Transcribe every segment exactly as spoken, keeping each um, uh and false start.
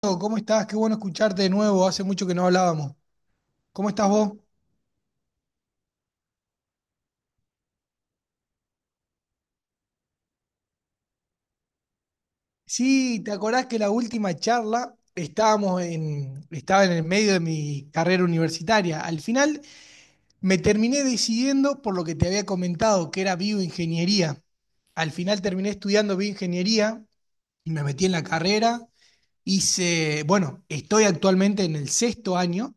¿Cómo estás? Qué bueno escucharte de nuevo. Hace mucho que no hablábamos. ¿Cómo estás vos? Sí, ¿te acordás que la última charla estábamos en, estaba en el medio de mi carrera universitaria? Al final me terminé decidiendo por lo que te había comentado, que era bioingeniería. Al final terminé estudiando bioingeniería y me metí en la carrera. Hice, bueno, estoy actualmente en el sexto año.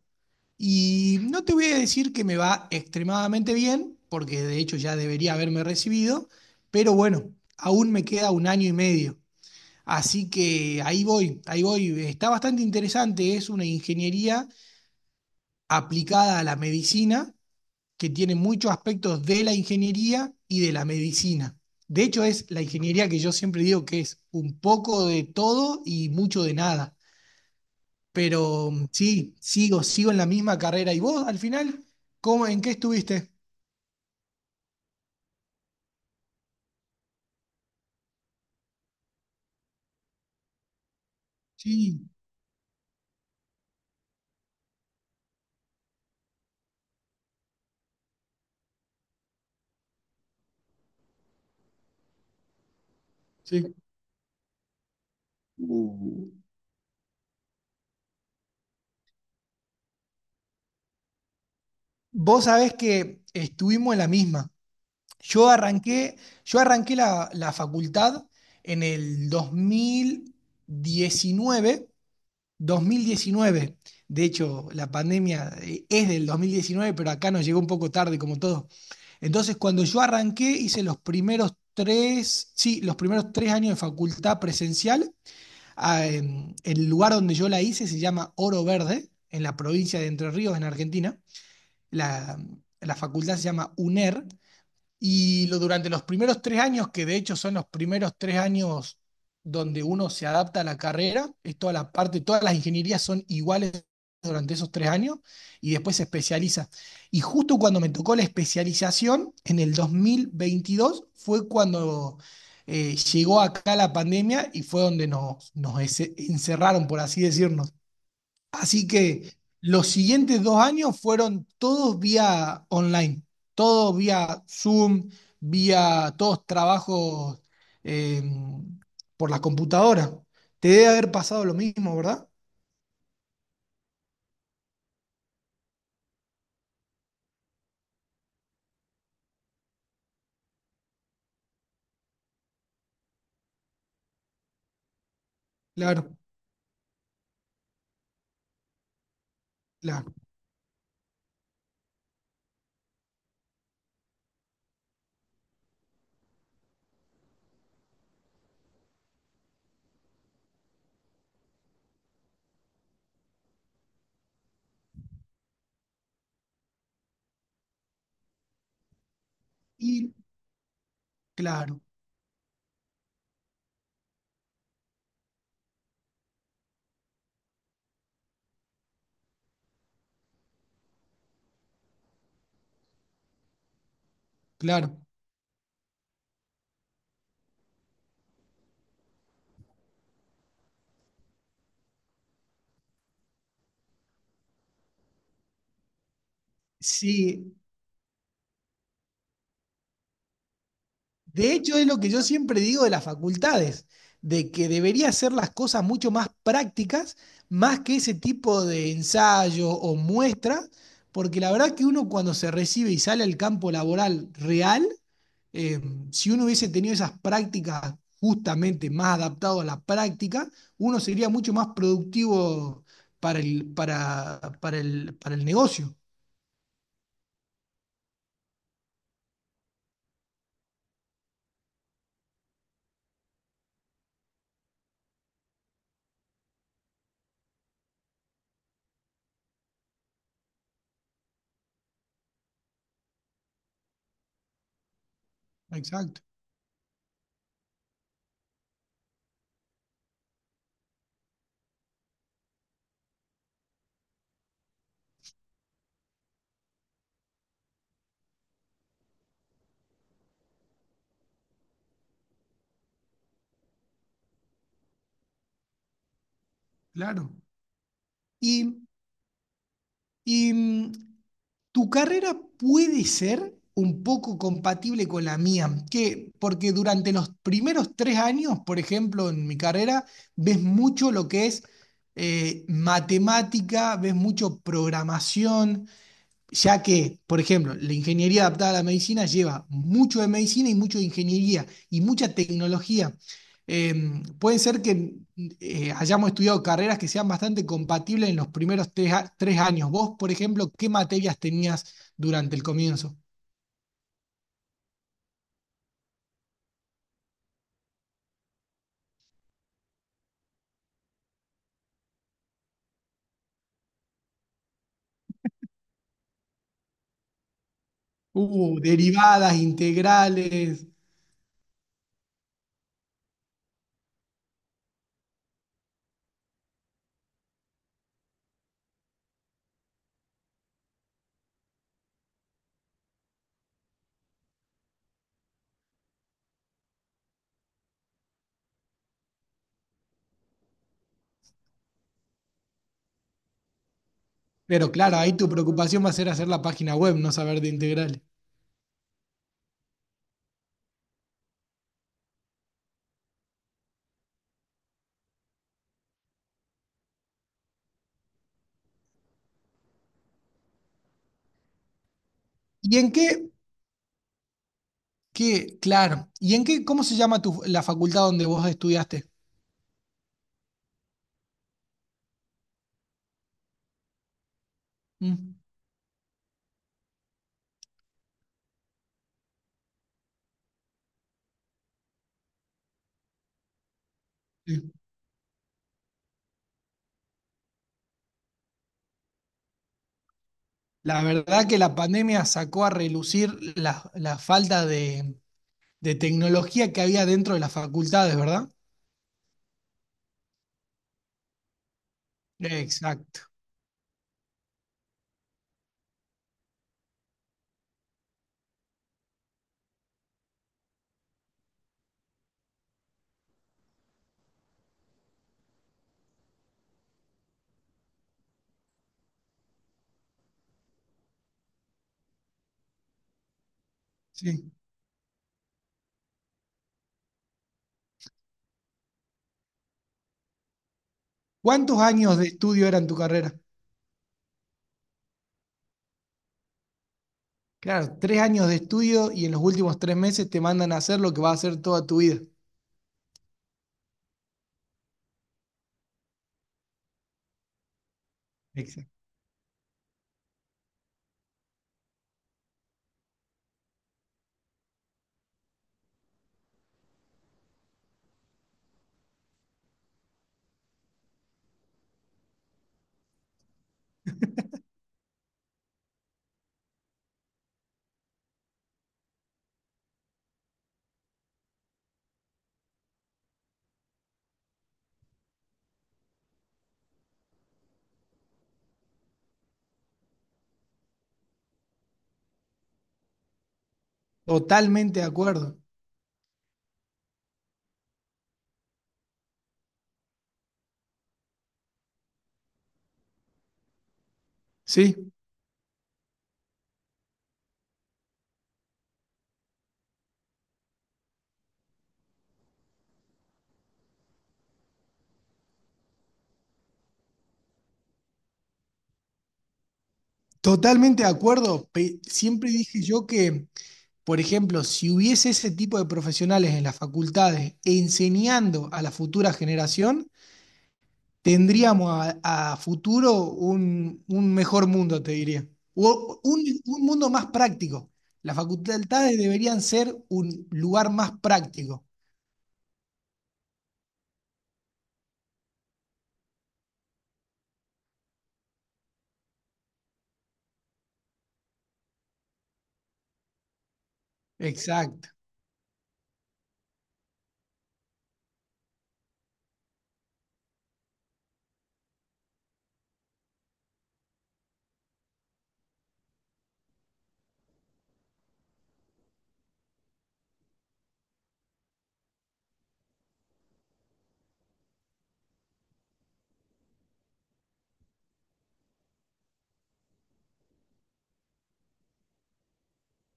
Y no te voy a decir que me va extremadamente bien, porque de hecho ya debería haberme recibido, pero bueno, aún me queda un año y medio. Así que ahí voy, ahí voy. Está bastante interesante, es una ingeniería aplicada a la medicina, que tiene muchos aspectos de la ingeniería y de la medicina. De hecho, es la ingeniería que yo siempre digo que es un poco de todo y mucho de nada. Pero mm, sí, sigo, sigo en la misma carrera. ¿Y vos al final? ¿Cómo, en qué estuviste? Sí, sí. Uh, vos sabés que estuvimos en la misma. Yo arranqué, yo arranqué la, la facultad en el dos dos mil diecinueve, dos mil diecinueve. De hecho, la pandemia eh, es del dos mil diecinueve, pero acá nos llegó un poco tarde, como todo. Entonces, cuando yo arranqué, hice los primeros tres, sí, los primeros tres años de facultad presencial. Ah, em, el lugar donde yo la hice se llama Oro Verde, en la provincia de Entre Ríos, en Argentina. La, la facultad se llama UNER y lo, durante los primeros tres años, que de hecho son los primeros tres años donde uno se adapta a la carrera, es toda la parte, todas las ingenierías son iguales durante esos tres años y después se especializa. Y justo cuando me tocó la especialización, en el dos mil veintidós fue cuando eh, llegó acá la pandemia y fue donde nos, nos ese- encerraron, por así decirnos. Así que los siguientes dos años fueron todos vía online, todos vía Zoom, vía todos trabajos eh, por la computadora. Te debe haber pasado lo mismo, ¿verdad? Claro, claro. Y claro, claro. Sí, de hecho, es lo que yo siempre digo de las facultades, de que debería hacer las cosas mucho más prácticas, más que ese tipo de ensayo o muestra, porque la verdad que uno cuando se recibe y sale al campo laboral real, eh, si uno hubiese tenido esas prácticas justamente más adaptado a la práctica, uno sería mucho más productivo para el, para, para el, para el negocio. Exacto, claro. Y, y, tu carrera puede ser un poco compatible con la mía, que, porque durante los primeros tres años, por ejemplo, en mi carrera, ves mucho lo que es eh, matemática, ves mucho programación, ya que, por ejemplo, la ingeniería adaptada a la medicina lleva mucho de medicina y mucho de ingeniería y mucha tecnología. Eh, puede ser que eh, hayamos estudiado carreras que sean bastante compatibles en los primeros tres, a- tres años. Vos, por ejemplo, ¿qué materias tenías durante el comienzo? Uh, derivadas, integrales. Pero claro, ahí tu preocupación va a ser hacer la página web, no saber de integrales. ¿Y en qué, qué, claro, ¿y en qué, ¿cómo se llama tu, la facultad donde vos estudiaste? Mm. Sí. La verdad que la pandemia sacó a relucir la, la falta de, de tecnología que había dentro de las facultades, ¿verdad? Exacto, sí. ¿Cuántos años de estudio eran tu carrera? Claro, tres años de estudio y en los últimos tres meses te mandan a hacer lo que vas a hacer toda tu vida. Exacto. Totalmente de acuerdo. Sí, totalmente de acuerdo. Pe- Siempre dije yo que, por ejemplo, si hubiese ese tipo de profesionales en las facultades enseñando a la futura generación, tendríamos a, a futuro un, un mejor mundo, te diría. O un, un mundo más práctico. Las facultades deberían ser un lugar más práctico. Exacto,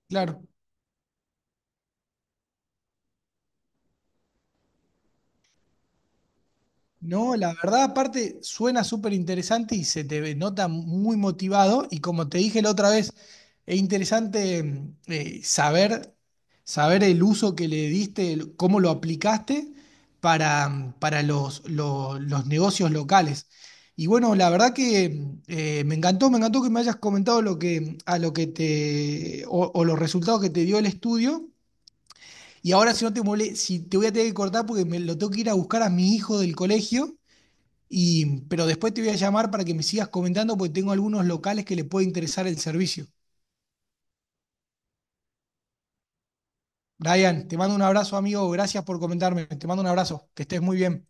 claro. No, la verdad, aparte, suena súper interesante y se te ve- nota muy motivado. Y como te dije la otra vez, es interesante mm, eh, saber, saber el uso que le diste, el- cómo lo aplicaste para, mm, para los, lo- los negocios locales. Y bueno, la verdad que mm, eh, me encantó, me encantó que me hayas comentado lo que, a lo que te, o, o los resultados que te dio el estudio. Y ahora, si no te mole, si te voy a tener que cortar porque me lo tengo que ir a buscar a mi hijo del colegio. Y, pero después te voy a llamar para que me sigas comentando porque tengo algunos locales que le puede interesar el servicio. Brian, te mando un abrazo, amigo. Gracias por comentarme. Te mando un abrazo. Que estés muy bien.